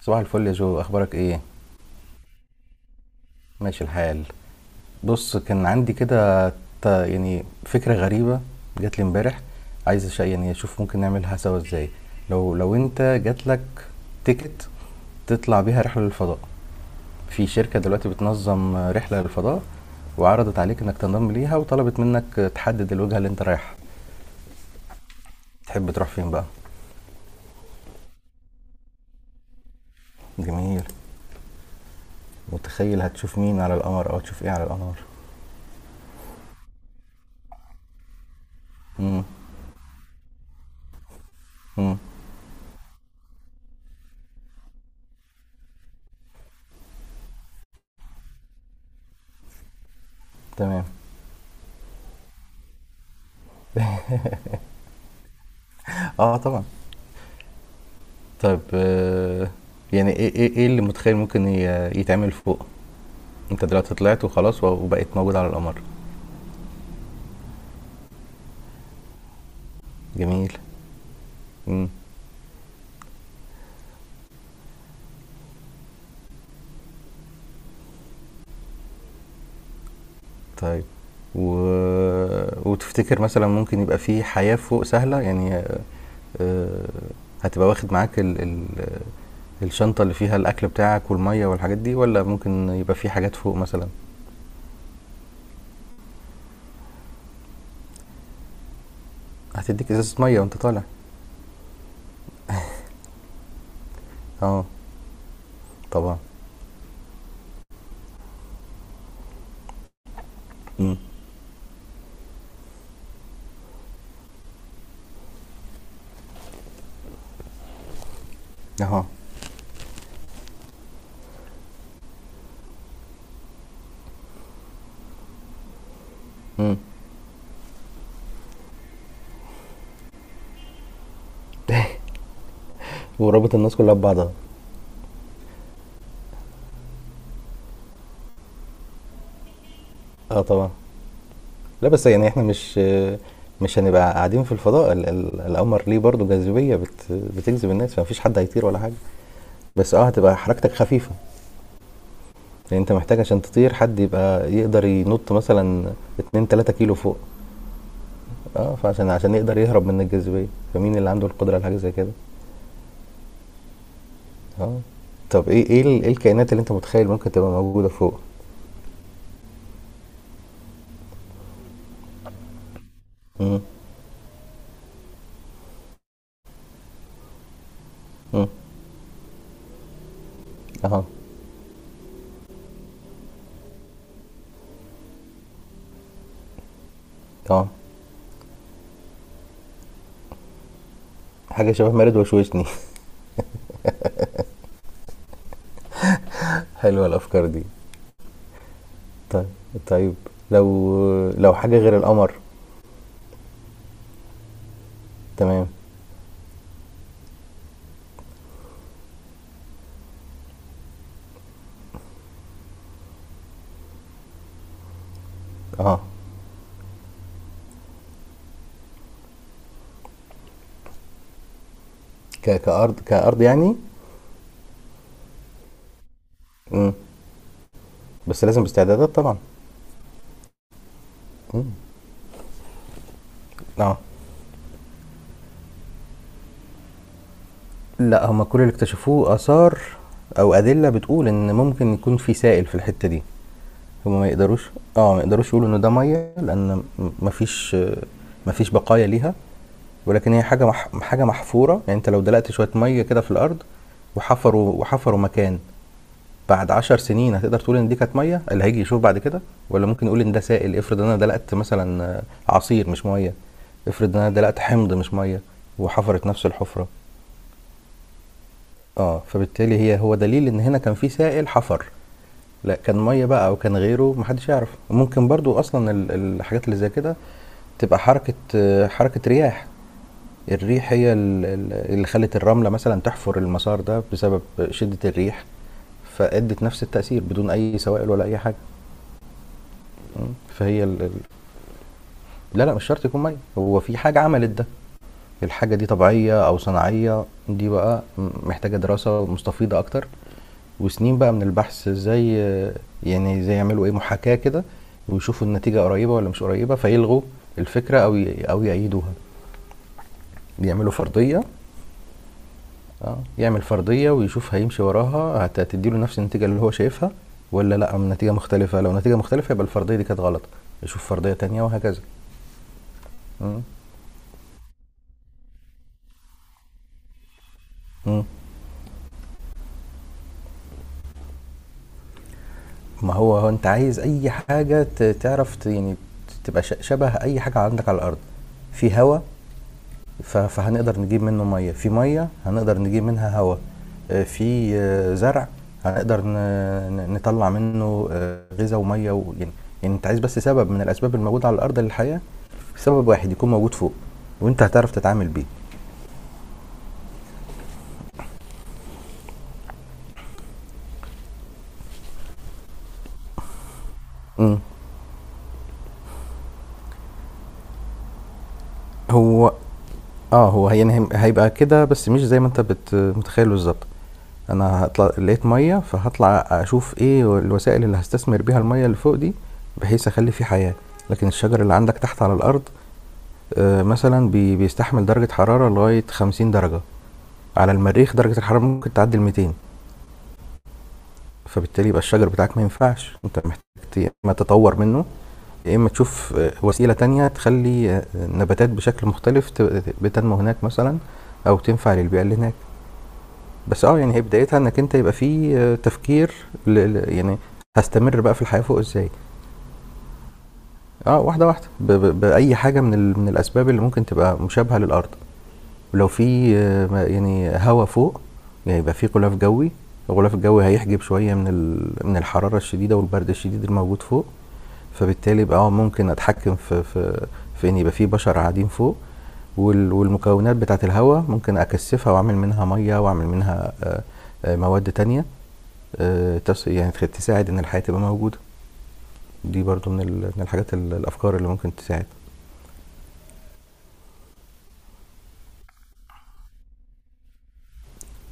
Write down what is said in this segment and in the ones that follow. صباح الفل يا جو، اخبارك ايه؟ ماشي الحال. بص، كان عندي كده يعني فكرة غريبة جات لي امبارح. عايز يعني اشوف ممكن نعملها سوا ازاي. لو انت جات لك تيكت تطلع بيها رحلة للفضاء، في شركة دلوقتي بتنظم رحلة للفضاء، وعرضت عليك انك تنضم ليها وطلبت منك تحدد الوجهة اللي انت رايحها، تحب تروح فين بقى؟ جميل. متخيل هتشوف مين على القمر او تشوف ايه على القمر؟ امم امم تمام. اه طبعا. طب، يعني ايه اللي متخيل ممكن يتعمل فوق؟ انت دلوقتي طلعت وخلاص و- وبقيت موجود على القمر. جميل. امم طيب. و... وتفتكر مثلا ممكن يبقى في حياة فوق سهلة يعني، آه، هتبقى واخد معاك الشنطة اللي فيها الأكل بتاعك والمية والحاجات دي، ولا ممكن يبقى في حاجات فوق مثلا؟ هتديك إزازة مية وأنت طالع. اه طبعا. امم اهو. امم ورابط الناس كلها ببعضها. اه طبعا. لا بس يعني احنا مش هنبقى قاعدين في الفضاء. القمر ليه برضه جاذبية بتجذب الناس، فمفيش حد هيطير ولا حاجة. بس اه هتبقى حركتك خفيفة، لان انت محتاج عشان تطير حد يبقى يقدر ينط مثلا 2 3 كيلو فوق. اه عشان يقدر يهرب من الجاذبية، فمين اللي عنده القدرة على حاجة زي كده؟ اه. طب إيه الكائنات اللي انت متخيل ممكن تبقى موجودة فوق؟ مم. اه. اه. حاجة شبه مارد وشوشني. حلوة الافكار دي. طيب. طيب. لو، لو حاجة غير القمر. تمام. اه، كارض، كارض يعني. مم. بس لازم باستعدادات طبعا. اه، لا، هما كل اللي اكتشفوه اثار او ادله بتقول ان ممكن يكون في سائل في الحته دي. هما ما يقدروش، اه ما يقدروش يقولوا ان ده ميه لان مفيش، مفيش بقايا ليها. ولكن هي حاجه محفوره، يعني انت لو دلقت شويه ميه كده في الارض وحفروا مكان، بعد 10 سنين هتقدر تقول ان دي كانت ميه اللي هيجي يشوف بعد كده. ولا ممكن يقول ان ده سائل، افرض انا دلقت مثلا، عصير مش ميه، افرض انا دلقت حمض مش ميه وحفرت نفس الحفره. اه، فبالتالي هو دليل ان هنا كان في سائل حفر. لا كان ميه بقى او كان غيره محدش يعرف. وممكن برضو اصلا الحاجات اللي زي كده تبقى حركه، حركه رياح. الريح هي اللي خلت الرمله مثلا تحفر المسار ده بسبب شده الريح، فادت نفس التاثير بدون اي سوائل ولا اي حاجه. مم. لا، لا مش شرط يكون ميه، هو في حاجة عملت ده. الحاجة دي طبيعية أو صناعية دي بقى محتاجة دراسة مستفيضة أكتر، وسنين بقى من البحث ازاي، يعني زي يعملوا ايه محاكاة كده، ويشوفوا النتيجة قريبة ولا مش قريبة فيلغوا الفكرة أو أو يأيدوها، يعملوا فرضية. اه، يعمل فرضية ويشوف هيمشي وراها هتديله نفس النتيجة اللي هو شايفها ولا لا، نتيجة مختلفة. لو نتيجة مختلفة يبقى الفرضية دي كانت غلط، يشوف فرضية تانية وهكذا. مم. مم. ما هو انت عايز اي حاجة تعرف يعني تبقى شبه اي حاجة عندك على الارض. في هواء؟ فهنقدر نجيب منه مية في مية، هنقدر نجيب منها هواء. في زرع؟ هنقدر نطلع منه غذاء ومية يعني. يعني انت عايز بس سبب من الاسباب الموجودة على الارض للحياة، سبب واحد يكون موجود فوق، وانت هتعرف تتعامل بيه. مم. هو آه، هو هي يعني هيبقى كده بس مش زي ما أنت متخيّل بالضبط. أنا هاطلع لقيت مَيّة، فهاطلع أشوف إيه الوسائل اللي هاستثمر بيها المَيّة اللي فوق دي، بحيث أخلّي في حياة. لكن الشجر اللي عندك تحت على الأرض مثلًا بيستحمل درجة حرارة لغاية 50 درجة، على المريخ درجة الحرارة ممكن تعدّي ال200، فبالتالي يبقى الشجر بتاعك ما ينفعش، أنت محتاج يا إمّا تطوّر منّه، يا إمّا تشوف وسيلة تانية تخلّي النباتات بشكل مختلف بتنمو هناك مثلًا، أو تنفع للبيئة اللي هناك. بس اه يعني هي بدايتها انك انت يبقى في تفكير، يعني هستمر بقى في الحياة فوق ازاي. اه واحدة واحدة بأي حاجة من من الأسباب اللي ممكن تبقى مشابهة للأرض. ولو في يعني هواء فوق، يعني يبقى في غلاف جوي، الغلاف الجوي هيحجب شوية من من الحرارة الشديدة والبرد الشديد الموجود فوق. فبالتالي يبقى اه ممكن أتحكم في في إن يبقى في بشر قاعدين فوق. وال- والمكونات بتاعت الهواء ممكن اكثفها واعمل منها ميه واعمل منها مواد تانية، يعني تساعد ان الحياه تبقى موجوده. دي برضو من من الحاجات الافكار اللي ممكن تساعد.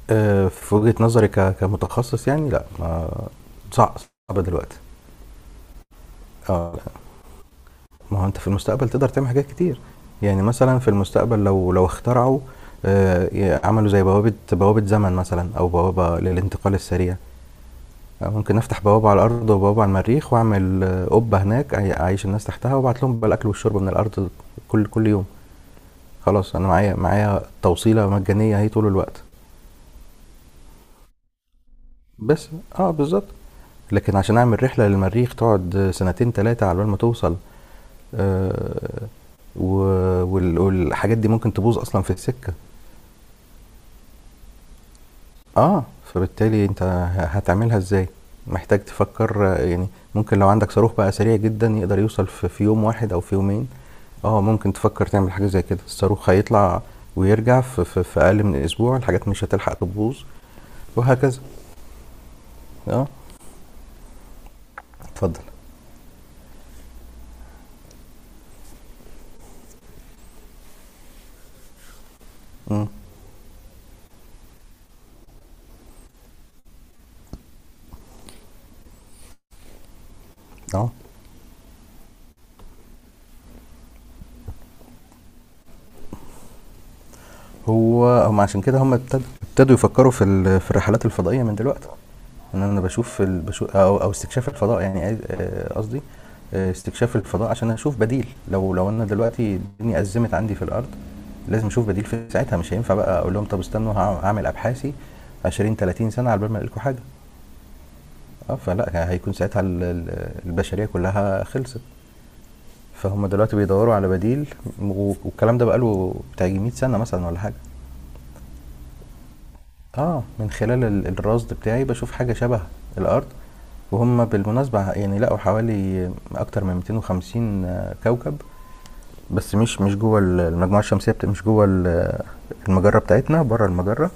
في وجهه نظري كمتخصص يعني لا ما، صعب صعب دلوقتي. اه، ما هو انت في المستقبل تقدر تعمل حاجات كتير. يعني مثلا في المستقبل لو، لو اخترعوا، عملوا زي بوابه زمن مثلا او بوابه للانتقال السريع، ممكن افتح بوابه على الارض وبوابه على المريخ واعمل قبه هناك اعيش الناس تحتها وابعت لهم بقى الاكل والشرب من الارض كل يوم. خلاص انا معايا توصيله مجانيه اهي طول الوقت. بس اه بالظبط. لكن عشان اعمل رحله للمريخ تقعد سنتين ثلاثه على بال ما توصل، آه، و- وال- والحاجات دي ممكن تبوظ اصلا في السكه. اه فبالتالي انت هتعملها ازاي؟ محتاج تفكر، يعني ممكن لو عندك صاروخ بقى سريع جدا يقدر يوصل في يوم واحد او في يومين. اه ممكن تفكر تعمل حاجه زي كده، الصاروخ هيطلع ويرجع في, اقل من اسبوع، الحاجات مش هتلحق تبوظ، وهكذا. اه. اتفضل. امم اه. هم عشان كده هم ابتدوا يفكروا في في الرحلات الفضائيه من دلوقتي. ان بشوف بشوف او او استكشاف الفضاء، يعني قصدي، استكشاف الفضاء عشان اشوف بديل، لو لو انا دلوقتي الدنيا ازمت عندي في الارض لازم اشوف بديل. في ساعتها مش هينفع بقى اقول لهم طب استنوا هعمل ابحاثي 20 30 سنه على بال ما الاقي لكم حاجه. اه فلا، هيكون ساعتها البشريه كلها خلصت. فهم دلوقتي بيدوروا على بديل. و- والكلام ده بقاله بتاع يجي 100 سنة مثلا ولا حاجة. اه من خلال الرصد بتاعي بشوف حاجة شبه الأرض. وهم بالمناسبة يعني لقوا حوالي أكتر من 250 كوكب، بس مش جوه المجموعة الشمسية مش جوه المجرة بتاعتنا، بره المجرة.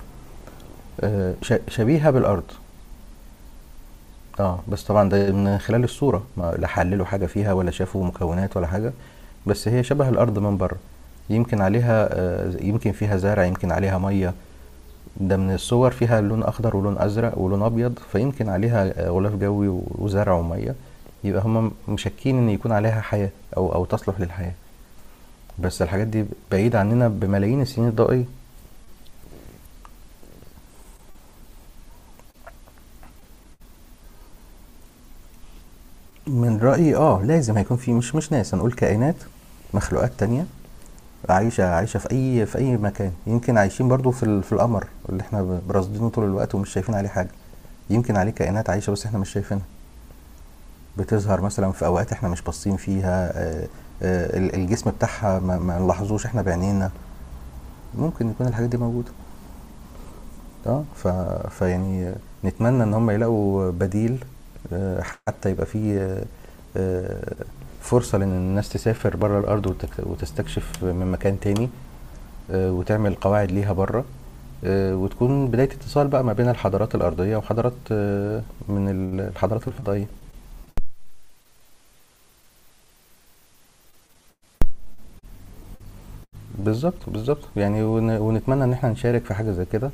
شبيهة بالأرض. اه بس طبعا ده من خلال الصورة ما لا حللوا حاجة فيها ولا شافوا مكونات ولا حاجة، بس هي شبه الأرض من بره، يمكن عليها يمكن فيها زرع يمكن عليها مية، ده من الصور فيها لون أخضر ولون أزرق ولون أبيض، فيمكن عليها غلاف جوي و- وزرع ومية. يبقى هم مشكين إن يكون عليها حياة أو أو تصلح للحياة. بس الحاجات دي بعيدة عننا بملايين السنين الضوئية. من رأيي اه لازم هيكون في، مش ناس هنقول، كائنات مخلوقات تانية عايشة، عايشة في أي، في أي مكان. يمكن عايشين برضو في في القمر اللي احنا براصدينه طول الوقت ومش شايفين عليه حاجة. يمكن عليه كائنات عايشة بس احنا مش شايفينها، بتظهر مثلا في أوقات احنا مش باصين فيها، الجسم بتاعها ما ما نلاحظوش احنا بعينينا. ممكن يكون الحاجات دي موجودة. اه فيعني، نتمنى ان هم يلاقوا بديل، آه، حتى يبقى فيه آه، فرصة لأن الناس تسافر بره الأرض وتستكشف من مكان تاني، وتعمل قواعد ليها بره، وتكون بداية اتصال بقى ما بين الحضارات الأرضية وحضارات من الحضارات الفضائية. بالظبط بالظبط، يعني ون- ونتمنى إن احنا نشارك في حاجة زي كده.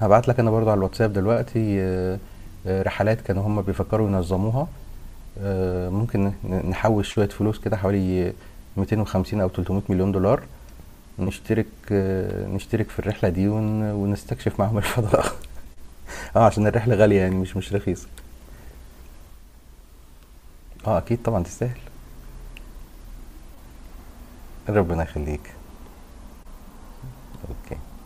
هبعت لك أنا برضو على الواتساب دلوقتي، رحلات كانوا هم بيفكروا ينظموها، ممكن نحوش شوية فلوس كده حوالي 250 أو 300 مليون دولار، نشترك، نشترك في الرحلة دي ون- ونستكشف معاهم الفضاء. اه عشان الرحلة غالية يعني، مش مش رخيصة. اه اكيد طبعا تستاهل. ربنا يخليك. اوكي.